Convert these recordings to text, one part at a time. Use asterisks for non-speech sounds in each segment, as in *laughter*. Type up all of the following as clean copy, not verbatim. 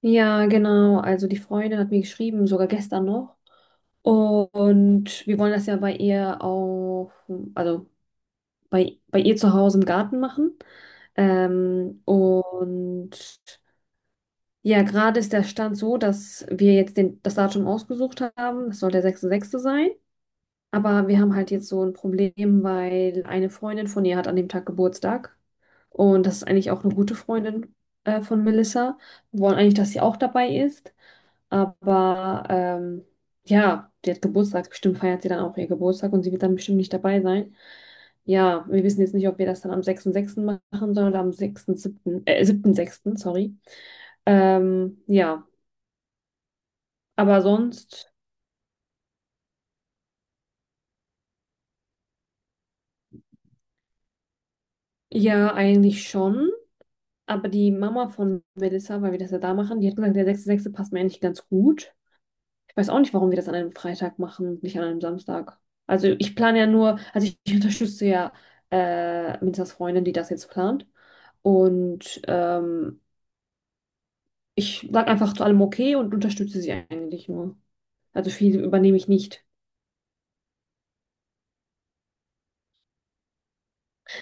Ja, genau. Also die Freundin hat mir geschrieben, sogar gestern noch. Und wir wollen das ja bei ihr auf, also bei ihr zu Hause im Garten machen. Und ja, gerade ist der Stand so, dass wir jetzt den, das Datum ausgesucht haben. Das soll der 6.6. sein. Aber wir haben halt jetzt so ein Problem, weil eine Freundin von ihr hat an dem Tag Geburtstag. Und das ist eigentlich auch eine gute Freundin von Melissa. Wir wollen eigentlich, dass sie auch dabei ist. Aber ja, die hat Geburtstag, bestimmt feiert sie dann auch ihr Geburtstag und sie wird dann bestimmt nicht dabei sein. Ja, wir wissen jetzt nicht, ob wir das dann am 6.6. machen sollen oder am 6.7., 7.6., sorry. Ja, aber sonst, ja, eigentlich schon. Aber die Mama von Melissa, weil wir das ja da machen, die hat gesagt, der 6.6. passt mir eigentlich ganz gut. Ich weiß auch nicht, warum wir das an einem Freitag machen, nicht an einem Samstag. Also ich plane ja nur, also ich *laughs* ich unterstütze ja Melissas Freundin, die das jetzt plant. Und ich sage einfach zu allem okay und unterstütze sie eigentlich nur. Also viel übernehme ich nicht.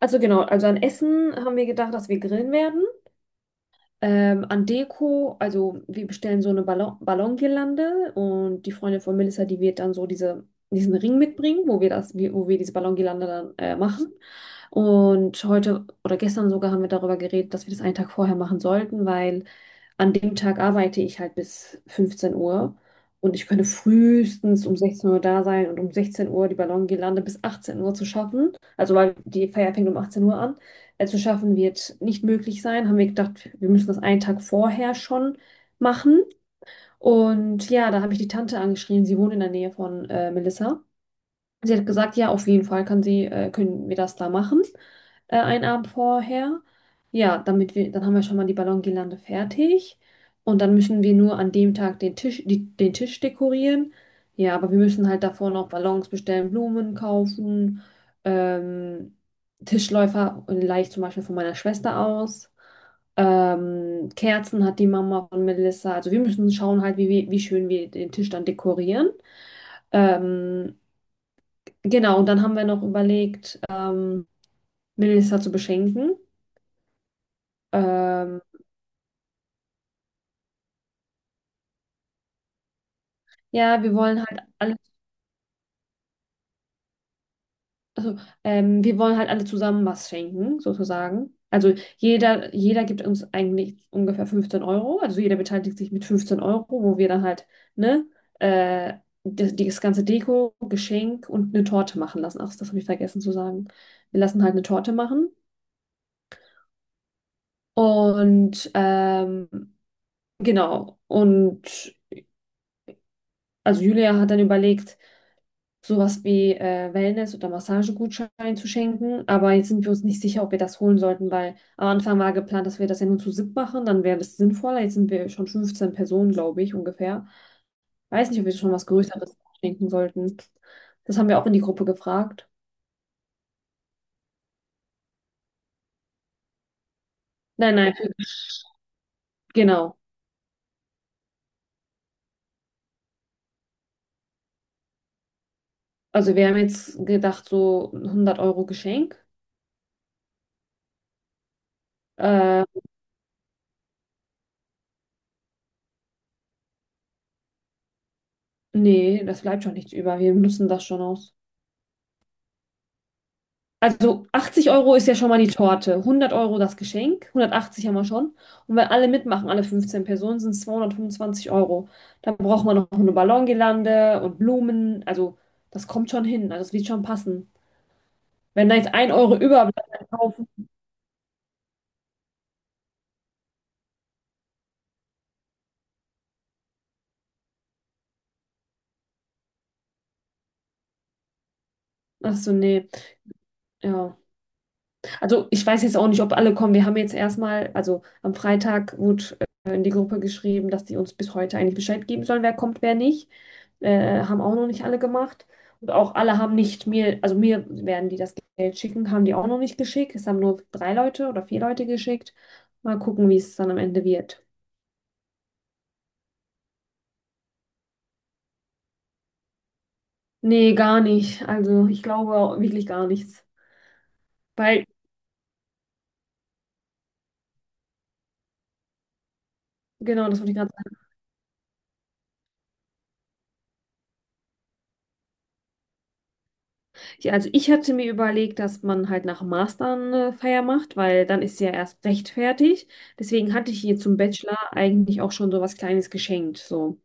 Also genau, also an Essen haben wir gedacht, dass wir grillen werden. An Deko, also wir bestellen so eine Ballongirlande, und die Freundin von Melissa, die wird dann so diesen Ring mitbringen, wo wir wo wir diese Ballongirlande dann machen. Und heute oder gestern sogar haben wir darüber geredet, dass wir das einen Tag vorher machen sollten, weil an dem Tag arbeite ich halt bis 15 Uhr und ich könnte frühestens um 16 Uhr da sein und um 16 Uhr die Ballongirlande bis 18 Uhr zu schaffen. Also weil die Feier fängt um 18 Uhr an, zu schaffen wird nicht möglich sein. Haben wir gedacht, wir müssen das einen Tag vorher schon machen. Und ja, da habe ich die Tante angeschrieben. Sie wohnt in der Nähe von Melissa. Sie hat gesagt, ja, auf jeden Fall können wir das da machen, einen Abend vorher. Ja, damit wir, dann haben wir schon mal die Ballongirlande fertig. Und dann müssen wir nur an dem Tag den Tisch dekorieren. Ja, aber wir müssen halt davor noch Ballons bestellen, Blumen kaufen, ähm, Tischläufer und leicht zum Beispiel von meiner Schwester aus. Kerzen hat die Mama von Melissa. Also wir müssen schauen halt, wie schön wir den Tisch dann dekorieren. Ähm, Genau, und dann haben wir noch überlegt, Melissa zu beschenken. Ähm, ja, wir wollen halt also, wir wollen halt alle zusammen was schenken, sozusagen. Also jeder gibt uns eigentlich ungefähr 15 Euro. Also jeder beteiligt sich mit 15 Euro, wo wir dann halt, ne, äh, das ganze Deko, Geschenk und eine Torte machen lassen. Ach, das habe ich vergessen zu sagen. Wir lassen halt eine Torte machen. Und genau. Und also Julia hat dann überlegt, sowas wie Wellness- oder Massagegutschein zu schenken. Aber jetzt sind wir uns nicht sicher, ob wir das holen sollten, weil am Anfang war geplant, dass wir das ja nur zu siebt machen. Dann wäre das sinnvoller. Jetzt sind wir schon 15 Personen, glaube ich, ungefähr. Weiß nicht, ob wir schon was Größeres schenken sollten. Das haben wir auch in die Gruppe gefragt. Nein, nein, genau. Also wir haben jetzt gedacht, so 100 Euro Geschenk. Äh, Nee, das bleibt schon nichts über. Wir nutzen das schon aus. Also 80 Euro ist ja schon mal die Torte, 100 Euro das Geschenk, 180 haben wir schon. Und wenn alle mitmachen, alle 15 Personen, sind es 225 Euro. Dann braucht man noch eine Ballongirlande und Blumen. Also das kommt schon hin, also das wird schon passen. Wenn da jetzt ein Euro überbleibt, dann kaufen. Ach so, nee. Ja. Also ich weiß jetzt auch nicht, ob alle kommen. Wir haben jetzt erstmal, also am Freitag wurde in die Gruppe geschrieben, dass die uns bis heute eigentlich Bescheid geben sollen, wer kommt, wer nicht. Haben auch noch nicht alle gemacht. Und auch alle haben nicht mir, also mir werden die das Geld schicken, haben die auch noch nicht geschickt. Es haben nur drei Leute oder vier Leute geschickt. Mal gucken, wie es dann am Ende wird. Nee, gar nicht. Also ich glaube auch wirklich gar nichts. Weil, genau, das wollte ich gerade sagen. Ich, also ich hatte mir überlegt, dass man halt nach dem Master eine Feier macht, weil dann ist sie ja erst recht fertig. Deswegen hatte ich ihr zum Bachelor eigentlich auch schon so was Kleines geschenkt. So.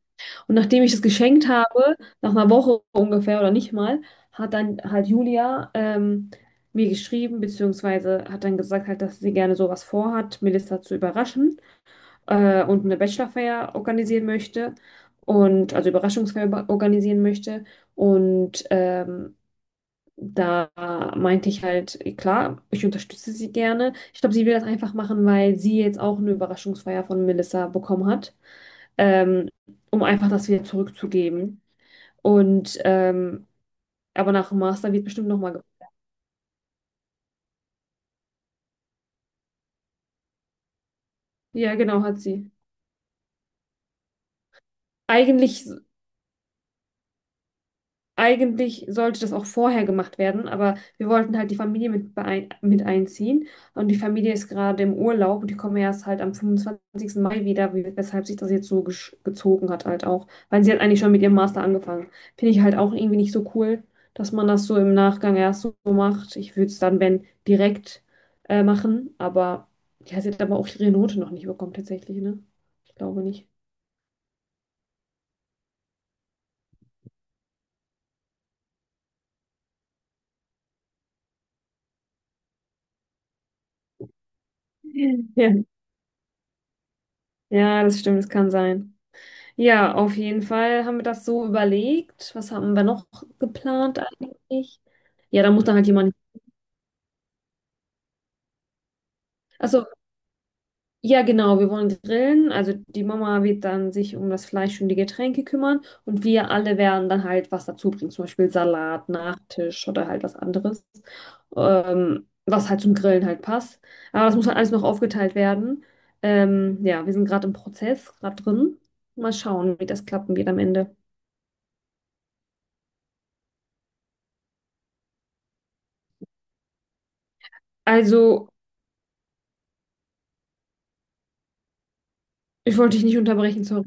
Und nachdem ich das geschenkt habe, nach einer Woche ungefähr oder nicht mal, hat dann halt Julia mir geschrieben, beziehungsweise hat dann gesagt, halt, dass sie gerne sowas vorhat, Melissa zu überraschen und eine Bachelorfeier organisieren möchte und also organisieren möchte. Und da meinte ich halt, klar, ich unterstütze sie gerne. Ich glaube, sie will das einfach machen, weil sie jetzt auch eine Überraschungsfeier von Melissa bekommen hat. Ähm, Um einfach das wieder zurückzugeben. Und aber nach dem Master wird bestimmt nochmal. Ja, genau, hat sie. Eigentlich Eigentlich sollte das auch vorher gemacht werden, aber wir wollten halt die Familie mit einziehen. Und die Familie ist gerade im Urlaub und die kommen erst halt am 25. Mai wieder, weshalb sich das jetzt so gezogen hat halt auch. Weil sie hat eigentlich schon mit ihrem Master angefangen. Finde ich halt auch irgendwie nicht so cool, dass man das so im Nachgang erst so macht. Ich würde es dann, wenn, direkt machen, aber ja, sie hat aber auch ihre Note noch nicht bekommen tatsächlich, ne? Ich glaube nicht. *laughs* Ja. Ja, das stimmt, das kann sein. Ja, auf jeden Fall haben wir das so überlegt. Was haben wir noch geplant eigentlich? Ja, da muss dann halt jemand. Also, ja, genau, wir wollen grillen. Also die Mama wird dann sich um das Fleisch und die Getränke kümmern und wir alle werden dann halt was dazu bringen, zum Beispiel Salat, Nachtisch oder halt was anderes, was halt zum Grillen halt passt. Aber das muss halt alles noch aufgeteilt werden. Ja, wir sind gerade im Prozess, gerade drin. Mal schauen, wie das klappen wird am Ende. Also, ich wollte dich nicht unterbrechen, sorry.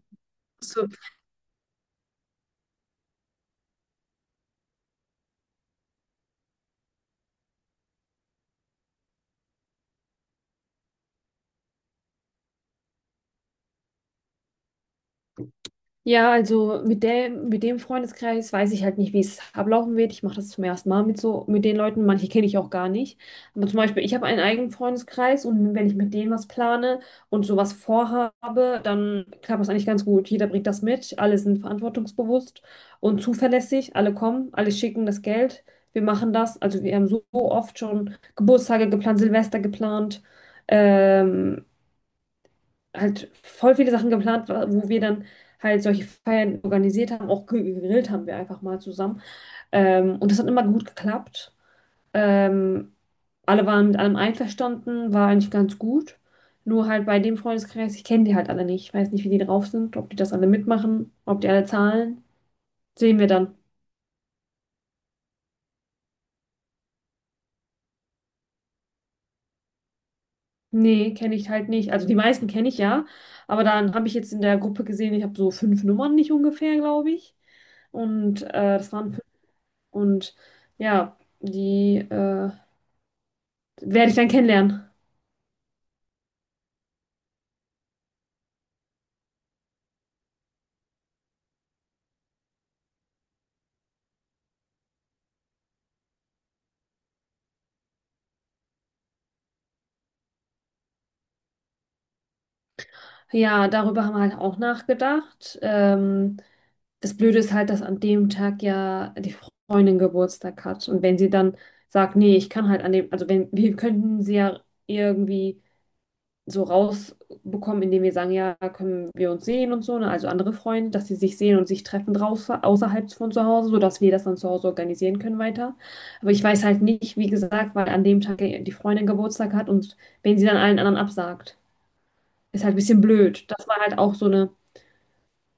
Ja, also mit dem Freundeskreis weiß ich halt nicht, wie es ablaufen wird. Ich mache das zum ersten Mal mit so, mit den Leuten. Manche kenne ich auch gar nicht. Aber zum Beispiel, ich habe einen eigenen Freundeskreis und wenn ich mit denen was plane und sowas vorhabe, dann klappt das eigentlich ganz gut. Jeder bringt das mit, alle sind verantwortungsbewusst und zuverlässig. Alle kommen, alle schicken das Geld. Wir machen das. Also wir haben so oft schon Geburtstage geplant, Silvester geplant. Ähm, halt voll viele Sachen geplant, wo wir dann halt solche Feiern organisiert haben, auch gegrillt haben wir einfach mal zusammen. Und das hat immer gut geklappt. Ähm, Alle waren mit allem einverstanden, war eigentlich ganz gut. Nur halt bei dem Freundeskreis, ich kenne die halt alle nicht. Ich weiß nicht, wie die drauf sind, ob die das alle mitmachen, ob die alle zahlen. Sehen wir dann. Nee, kenne ich halt nicht. Also die meisten kenne ich ja, aber dann habe ich jetzt in der Gruppe gesehen, ich habe so fünf Nummern nicht ungefähr, glaube ich. Und das waren. Und ja, die werde ich dann kennenlernen. Ja, darüber haben wir halt auch nachgedacht. Das Blöde ist halt, dass an dem Tag ja die Freundin Geburtstag hat. Und wenn sie dann sagt, nee, ich kann halt an dem, also wenn, wir könnten sie ja irgendwie so rausbekommen, indem wir sagen, ja, können wir uns sehen und so, ne? Also andere Freunde, dass sie sich sehen und sich treffen draußen, außerhalb von zu Hause, sodass wir das dann zu Hause organisieren können weiter. Aber ich weiß halt nicht, wie gesagt, weil an dem Tag die Freundin Geburtstag hat und wenn sie dann allen anderen absagt, ist halt ein bisschen blöd. Das war halt auch so eine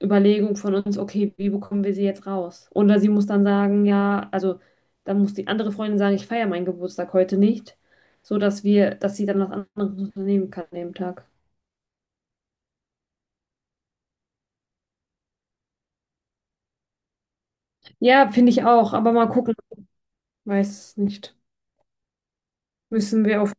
Überlegung von uns, okay, wie bekommen wir sie jetzt raus? Oder sie muss dann sagen, ja, also dann muss die andere Freundin sagen, ich feiere meinen Geburtstag heute nicht, sodass wir, dass sie dann was anderes unternehmen kann an dem Tag. Ja, finde ich auch, aber mal gucken. Weiß nicht. Müssen wir auf.